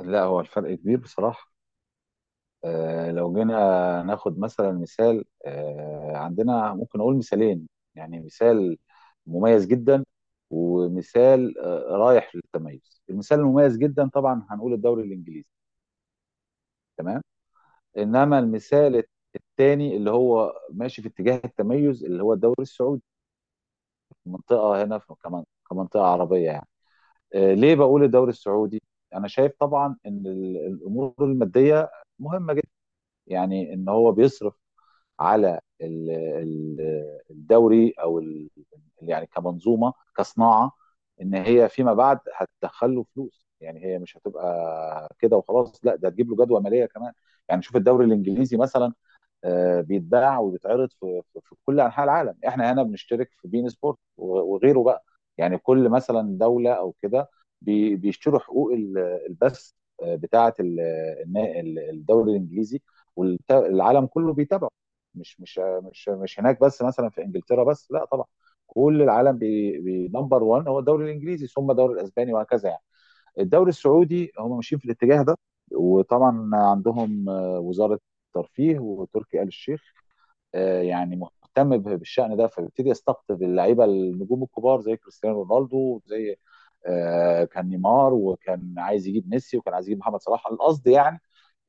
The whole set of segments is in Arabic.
لا، هو الفرق كبير بصراحة. لو جينا ناخد مثلا مثال، عندنا ممكن نقول مثالين. يعني مثال مميز جدا ومثال رايح للتميز. المثال المميز جدا طبعا هنقول الدوري الإنجليزي. تمام. إنما المثال الثاني اللي هو ماشي في اتجاه التميز اللي هو الدوري السعودي، منطقة هنا في كمان، كمنطقة عربية يعني. ليه بقول الدوري السعودي؟ أنا شايف طبعا إن الأمور المادية مهمة. يعني ان هو بيصرف على الدوري يعني كمنظومه كصناعه، ان هي فيما بعد هتدخل له فلوس. يعني هي مش هتبقى كده وخلاص، لا ده هتجيب له جدوى ماليه كمان. يعني شوف الدوري الانجليزي مثلا، بيتباع وبيتعرض في كل انحاء العالم. احنا هنا بنشترك في بين سبورت وغيره بقى. يعني كل مثلا دوله او كده بيشتروا حقوق البث، بتاعه الدوري الانجليزي، والعالم كله بيتابعه. مش مش مش هناك بس مثلا في انجلترا بس، لا طبعا، كل العالم. بنمبر 1 هو الدوري الانجليزي، ثم الدوري الاسباني، وهكذا يعني. الدوري السعودي هم ماشيين في الاتجاه ده. وطبعا عندهم وزاره الترفيه وتركي آل الشيخ، يعني مهتم بالشأن ده، فبيبتدي يستقطب اللعيبه النجوم الكبار زي كريستيانو رونالدو، زي كان نيمار، وكان عايز يجيب ميسي، وكان عايز يجيب محمد صلاح. القصد يعني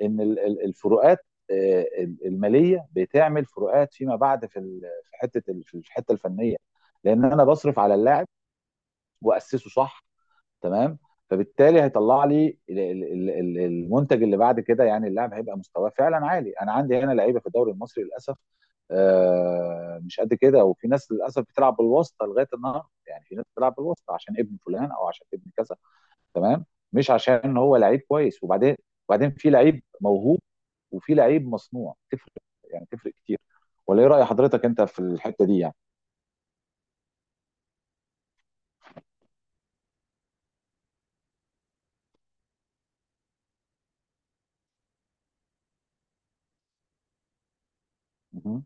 ان الفروقات آه، الماليه بتعمل فروقات فيما بعد في في الحته الفنيه، لان انا بصرف على اللاعب واسسه صح. تمام. فبالتالي هيطلع لي المنتج اللي بعد كده. يعني اللاعب هيبقى مستواه فعلا عالي. انا عندي هنا لعيبه في الدوري المصري للاسف مش قد كده. وفي ناس للاسف بتلعب بالواسطه لغايه النهارده. يعني في ناس بتلعب بالواسطه عشان ابن فلان او عشان ابن كذا، تمام، مش عشان هو لعيب كويس. وبعدين في لعيب موهوب وفي لعيب مصنوع، تفرق يعني تفرق كتير. ولا ايه راي حضرتك انت في الحته دي يعني؟ مهم.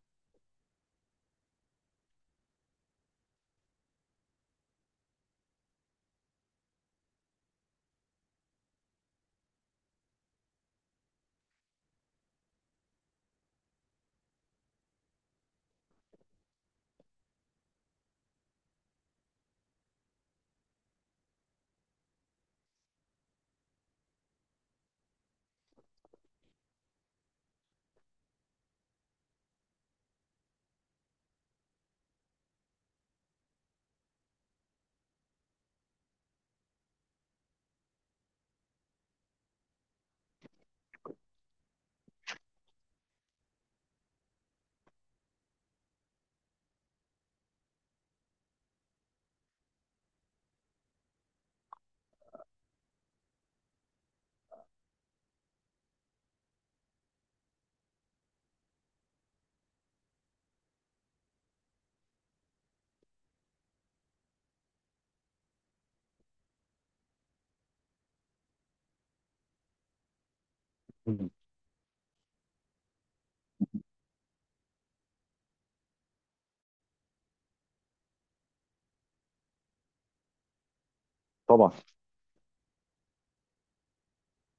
طبعا.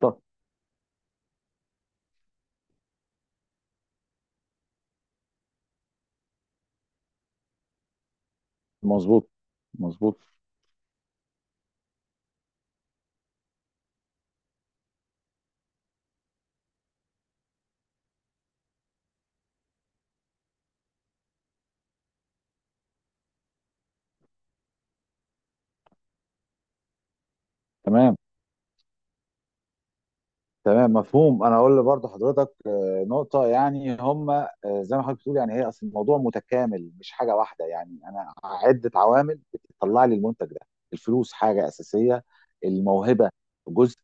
طب. مظبوط، مظبوط. تمام. تمام، مفهوم. انا اقول برضه حضرتك نقطه، يعني هم، زي ما حضرتك بتقول، يعني هي اصل الموضوع متكامل، مش حاجه واحده. يعني انا عده عوامل بتطلع لي المنتج ده. الفلوس حاجه اساسيه، الموهبه جزء،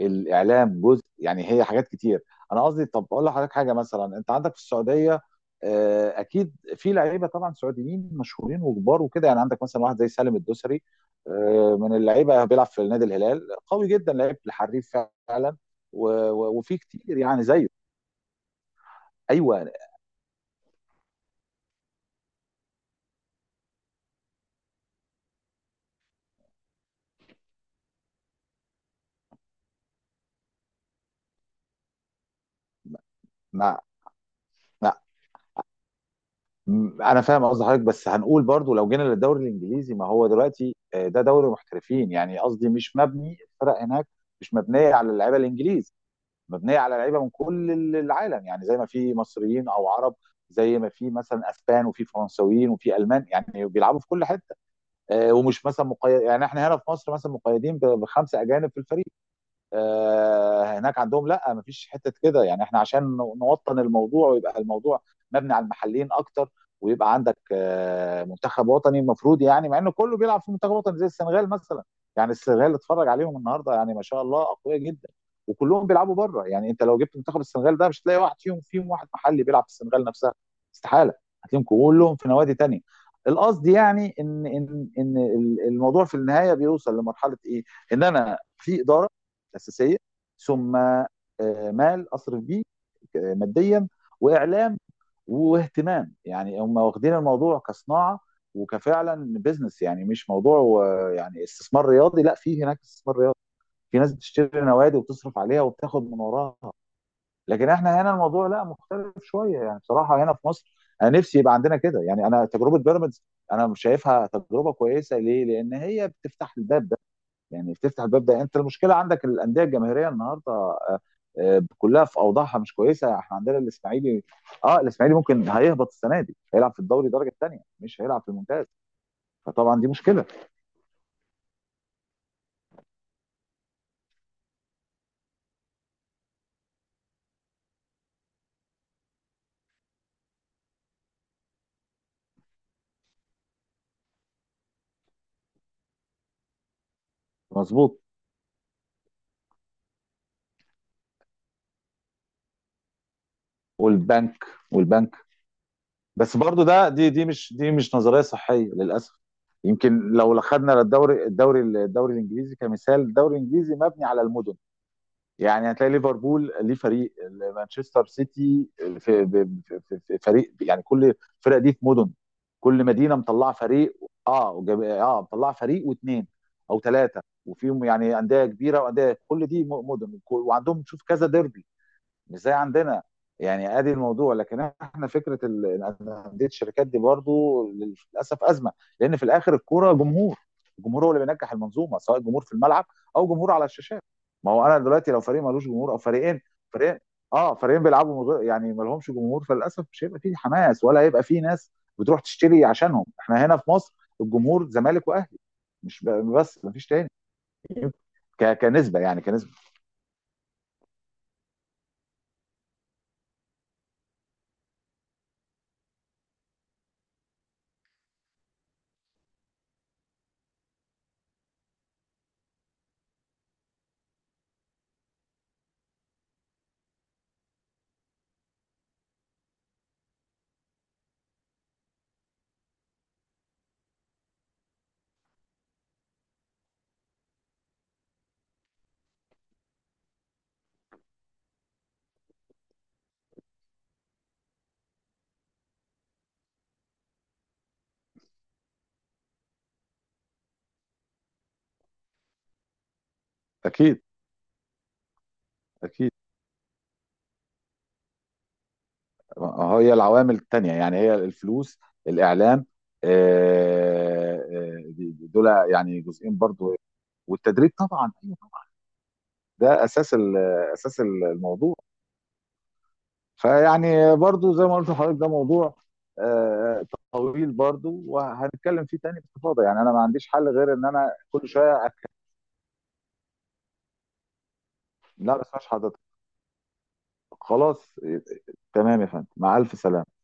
الاعلام جزء. يعني هي حاجات كتير. انا قصدي طب اقول لحضرتك حاجه. مثلا انت عندك في السعوديه، اكيد في لعيبه طبعا سعوديين مشهورين وكبار وكده. يعني عندك مثلا واحد زي سالم الدوسري، من اللعيبه، بيلعب في نادي الهلال، قوي جدا، لعيب الحريف فعلا. وفي كتير يعني زيه. ايوه. مع مع انا فاهم قصد حضرتك، بس هنقول برضو لو جينا للدوري الانجليزي. ما هو دلوقتي ده دوري محترفين، يعني قصدي مش مبني الفرق هناك، مش مبنيه على اللعيبه الانجليز، مبنيه على لعيبه من كل العالم. يعني زي ما في مصريين او عرب، زي ما في مثلا اسبان وفي فرنساويين وفي المان، يعني بيلعبوا في كل حته. ومش مثلا مقيد، يعني احنا هنا في مصر مثلا مقيدين بخمسه اجانب في الفريق. هناك عندهم لا، مفيش حته كده. يعني احنا عشان نوطن الموضوع ويبقى الموضوع مبني على المحليين اكتر، ويبقى عندك منتخب وطني المفروض. يعني مع انه كله بيلعب في منتخب وطني زي السنغال مثلا. يعني السنغال اتفرج عليهم النهارده، يعني ما شاء الله، اقوياء جدا، وكلهم بيلعبوا بره. يعني انت لو جبت منتخب السنغال ده مش هتلاقي واحد فيهم، فيهم واحد محلي بيلعب في السنغال نفسها، استحاله. هتلاقيهم كلهم في نوادي تانية. القصد يعني ان ان ان الموضوع في النهايه بيوصل لمرحله ايه؟ ان انا في اداره اساسيه، ثم مال اصرف بيه ماديا، واعلام، واهتمام. يعني هم واخدين الموضوع كصناعه وكفعلا بزنس، يعني مش موضوع، يعني استثمار رياضي. لا، في هناك استثمار رياضي، في ناس بتشتري نوادي وبتصرف عليها وبتاخد من وراها. لكن احنا هنا الموضوع لا، مختلف شويه، يعني بصراحه هنا في مصر انا نفسي يبقى عندنا كده. يعني انا تجربه بيراميدز انا مش شايفها تجربه كويسه. ليه؟ لان هي بتفتح الباب. يعني تفتح الباب ده، انت المشكله عندك الانديه الجماهيريه النهارده، كلها في اوضاعها مش كويسه. احنا عندنا الاسماعيلي، اه الاسماعيلي ممكن هيهبط السنه دي، هيلعب في الدوري درجه ثانيه، مش هيلعب في الممتاز. فطبعا دي مشكله. مظبوط. والبنك والبنك. بس برضو ده دي دي مش دي مش نظريه صحيه للاسف. يمكن لو خدنا الدوري الانجليزي كمثال، الدوري الانجليزي مبني على المدن. يعني هتلاقي ليفربول ليه فريق، مانشستر سيتي في, ب- في فريق. يعني كل الفرق دي في مدن، كل مدينه مطلعه فريق. مطلعه فريق واثنين او ثلاثه، وفيهم يعني انديه كبيره وانديه. كل دي مدن، وعندهم تشوف كذا ديربي، مش زي عندنا. يعني ادي الموضوع. لكن احنا فكره ان انديه الشركات دي برضو للاسف ازمه. لان في الاخر الكوره جمهور، الجمهور هو اللي بينجح المنظومه، سواء جمهور في الملعب او جمهور على الشاشات. ما هو انا دلوقتي لو فريق ملوش جمهور او فريقين اه فريقين بيلعبوا من غير- يعني ما لهمش جمهور، فللاسف مش هيبقى فيه حماس ولا هيبقى فيه ناس بتروح تشتري عشانهم. احنا هنا في مصر الجمهور زمالك واهلي مش ب- بس، ما فيش تاني. كنسبه يعني كنسبه. اكيد، اكيد. هي العوامل التانية يعني هي الفلوس، الإعلام، آه، آه، دول يعني جزئين برضو. والتدريب طبعا، أيوة طبعاً. ده أساس أساس الموضوع. فيعني برضو زي ما قلت لحضرتك، ده موضوع آه، طويل برضو، وهنتكلم فيه تاني باستفاضة. يعني أنا ما عنديش حل غير إن أنا كل شوية. لا بس مش حضرتك. خلاص. تمام يا فندم، مع ألف سلامة.